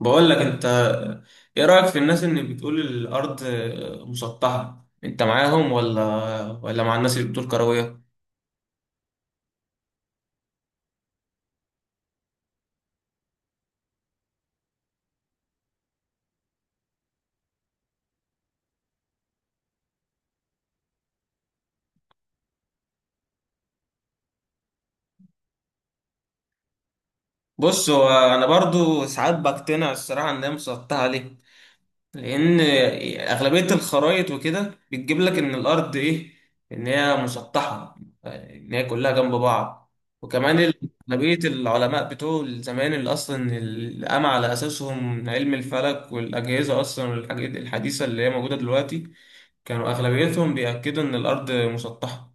بقول لك انت، ايه رأيك في الناس اللي بتقول الارض مسطحة؟ انت معاهم ولا مع الناس اللي بتقول كروية؟ بص، هو انا برضو ساعات بقتنع الصراحة ان هي مسطحة. ليه؟ لان اغلبيه الخرائط وكده بتجيب لك ان الارض ايه، ان هي مسطحه، ان هي كلها جنب بعض. وكمان اغلبيه العلماء بتوع زمان اللي اصلا اللي قام على اساسهم علم الفلك والاجهزه اصلا والحاجات الحديثه اللي هي موجوده دلوقتي، كانوا اغلبيتهم بيأكدوا ان الارض مسطحه.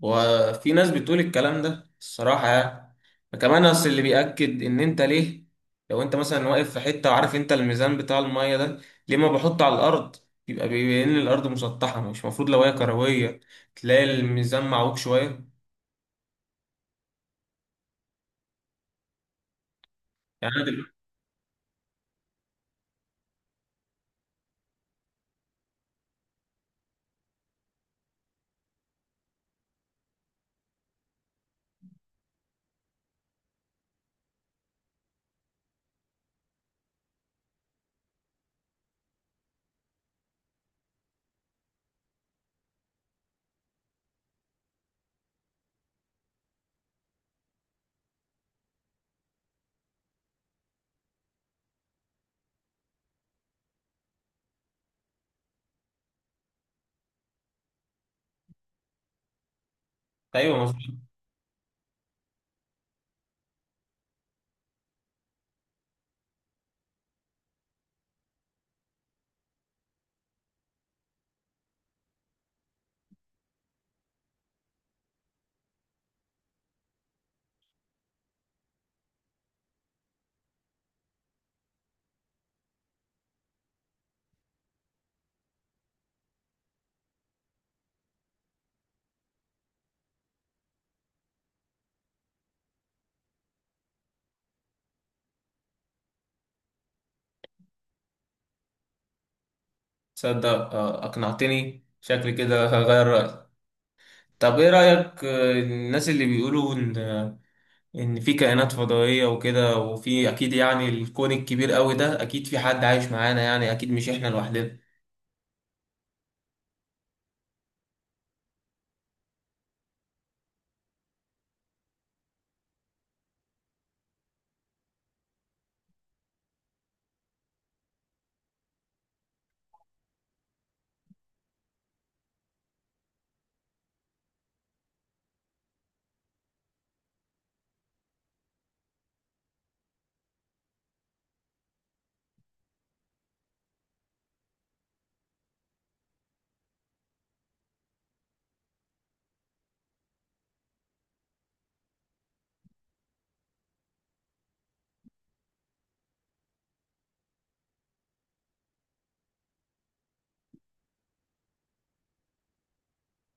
وفي ناس بتقول الكلام ده الصراحة يعني. كمان أصل اللي بيأكد إن أنت ليه، لو أنت مثلا واقف في حتة وعارف أنت الميزان بتاع المية ده، ليه ما بحطه على الأرض؟ يبقى بيبين إن الأرض مسطحة. مش المفروض لو هي كروية تلاقي الميزان معوج شوية؟ يعني أنا دلوقتي. أيوه مظبوط. تصدق، أقنعتني، شكلي كده هغير رأيي. طب إيه رأيك الناس اللي بيقولوا إن ان في كائنات فضائية وكده؟ وفي اكيد، يعني الكون الكبير قوي ده اكيد في حد عايش معانا، يعني اكيد مش احنا لوحدنا.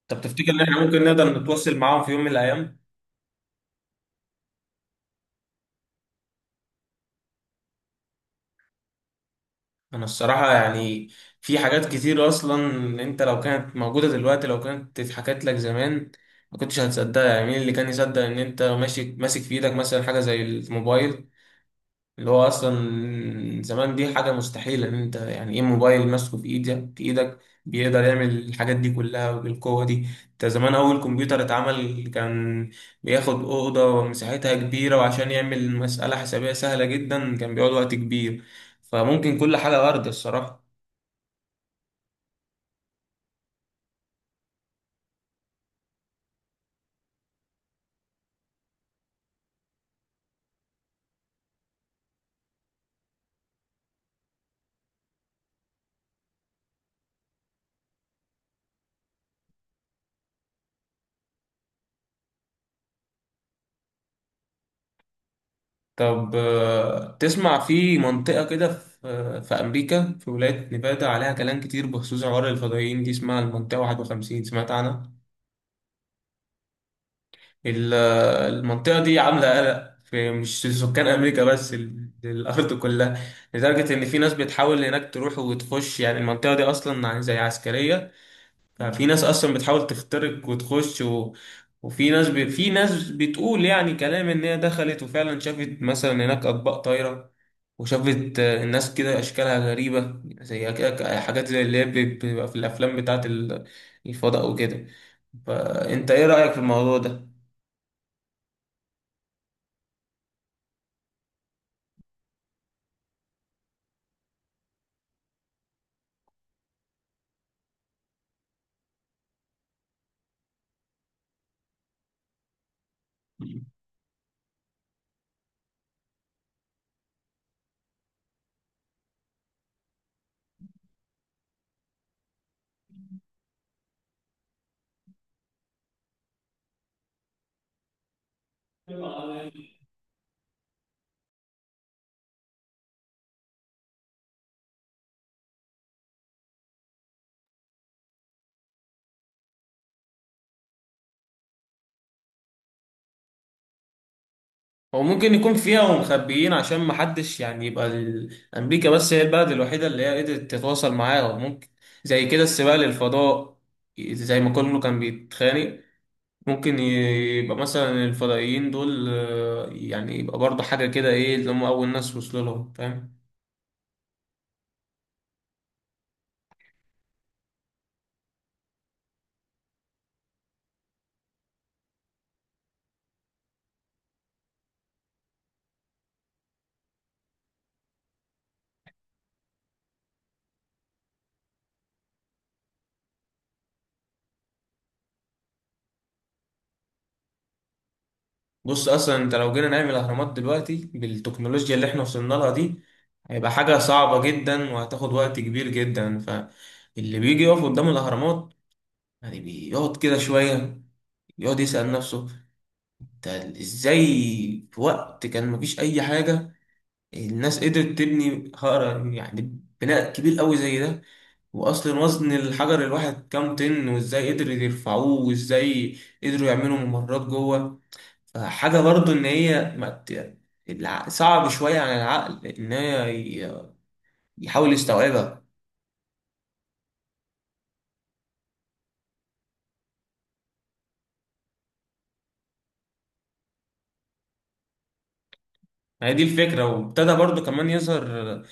طب تفتكر ان احنا ممكن نقدر نتواصل معاهم في يوم من الايام؟ انا الصراحة يعني في حاجات كتير اصلا. انت لو كانت موجودة دلوقتي، لو كانت اتحكت لك زمان، ما كنتش هتصدقها. يعني مين اللي كان يصدق ان انت ماشي ماسك في ايدك مثلا حاجة زي الموبايل اللي هو اصلا زمان دي حاجه مستحيله، ان انت يعني ايه موبايل ماسكه في ايدك بيقدر يعمل الحاجات دي كلها بالقوه دي؟ انت زمان اول كمبيوتر اتعمل كان بياخد اوضه ومساحتها كبيره، وعشان يعمل مساله حسابيه سهله جدا كان بيقعد وقت كبير. فممكن كل حاجه ارض الصراحه. طب تسمع في منطقه كده، في امريكا في ولايه نيفادا عليها كلام كتير بخصوص عوار الفضائيين دي، اسمها المنطقه 51. سمعت عنها؟ ال- المنطقة دي عاملة قلق في، مش سكان أمريكا بس، الأرض كلها، لدرجة إن في ناس بتحاول هناك تروح وتخش. يعني المنطقة دي أصلا زي عسكرية، ففي ناس أصلا بتحاول تخترق وتخش وفي ناس في ناس بتقول يعني كلام إن هي دخلت وفعلا شافت مثلا هناك أطباق طايرة، وشافت الناس كده أشكالها غريبة، زي كده حاجات زي اللي هي بتبقى في الأفلام بتاعت الفضاء وكده. فأنت إيه رأيك في الموضوع ده؟ هو ممكن يكون فيها ومخبيين عشان محدش يعني، يبقى أمريكا بس هي البلد الوحيدة اللي هي قدرت تتواصل معاه. ممكن زي كده السباق للفضاء، زي ما كله كان بيتخانق، ممكن يبقى مثلا الفضائيين دول يعني يبقى برضه حاجة كده، إيه اللي هم أول ناس وصلوا لهم؟ فاهم؟ بص أصلا أنت لو جينا نعمل أهرامات دلوقتي بالتكنولوجيا اللي إحنا وصلنا لها دي، هيبقى حاجة صعبة جدا وهتاخد وقت كبير جدا. فاللي بيجي يقف قدام الأهرامات يعني بيقعد كده شوية يقعد يسأل نفسه "ده ازاي في وقت كان مفيش اي حاجة الناس قدرت تبني هقرة، يعني بناء كبير قوي زي ده؟ واصلا وزن الحجر الواحد كام طن؟ وازاي قدروا يرفعوه؟ وازاي قدروا يعملوا ممرات جوه؟" فحاجة برضو ان هي ما ت- صعب شوية على العقل ان هي ي- يحاول يستوعبها. ما هي دي الفكرة. وابتدى برضو كمان يظهر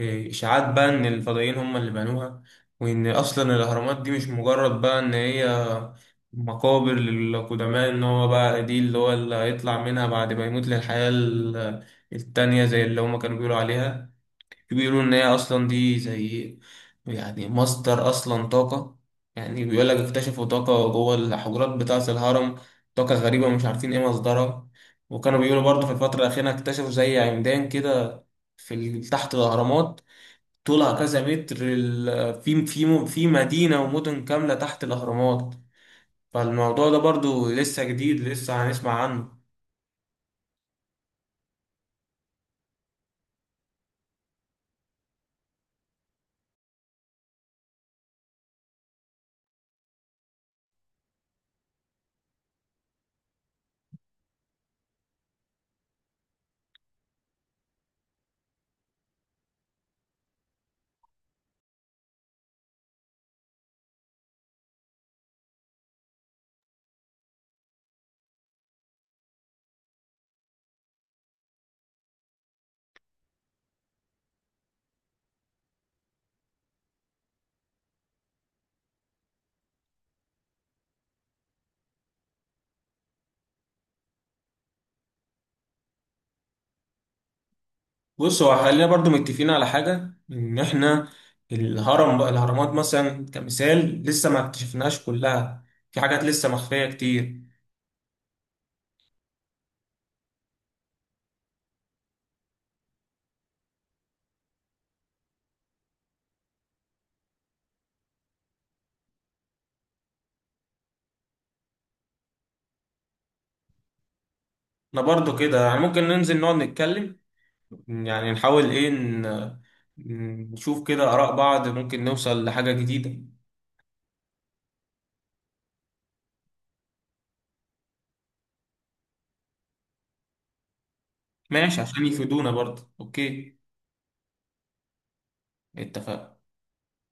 إشاعات بقى إن الفضائيين هم اللي بنوها، وإن أصلا الأهرامات دي مش مجرد بقى إن هي مقابر للقدماء، إن هو بقى دي اللي هو اللي هيطلع منها بعد ما يموت للحياة التانية زي اللي هما كانوا بيقولوا عليها. بيقولوا إن هي أصلا دي زي يعني مصدر أصلا طاقة. يعني بيقول لك اكتشفوا طاقة جوه الحجرات بتاعة الهرم، طاقة غريبة مش عارفين إيه مصدرها. وكانوا بيقولوا برضه في الفترة الأخيرة اكتشفوا زي عمدان كده في تحت الأهرامات، طولها كذا متر، في مدينة ومدن كاملة تحت الأهرامات. فالموضوع ده برضو لسه جديد، لسه هنسمع عنه. بص، هو خلينا برضو متفقين على حاجة إن إحنا الهرم بقى الأهرامات مثلا كمثال لسه ما اكتشفناهاش كلها، في حاجات لسه مخفية كتير. أنا برضو كده يعني ممكن ننزل نقعد نتكلم، يعني نحاول إيه نشوف كده آراء بعض، ممكن نوصل لحاجة جديدة. ماشي، عشان يفيدونا برضو. أوكي اتفقنا.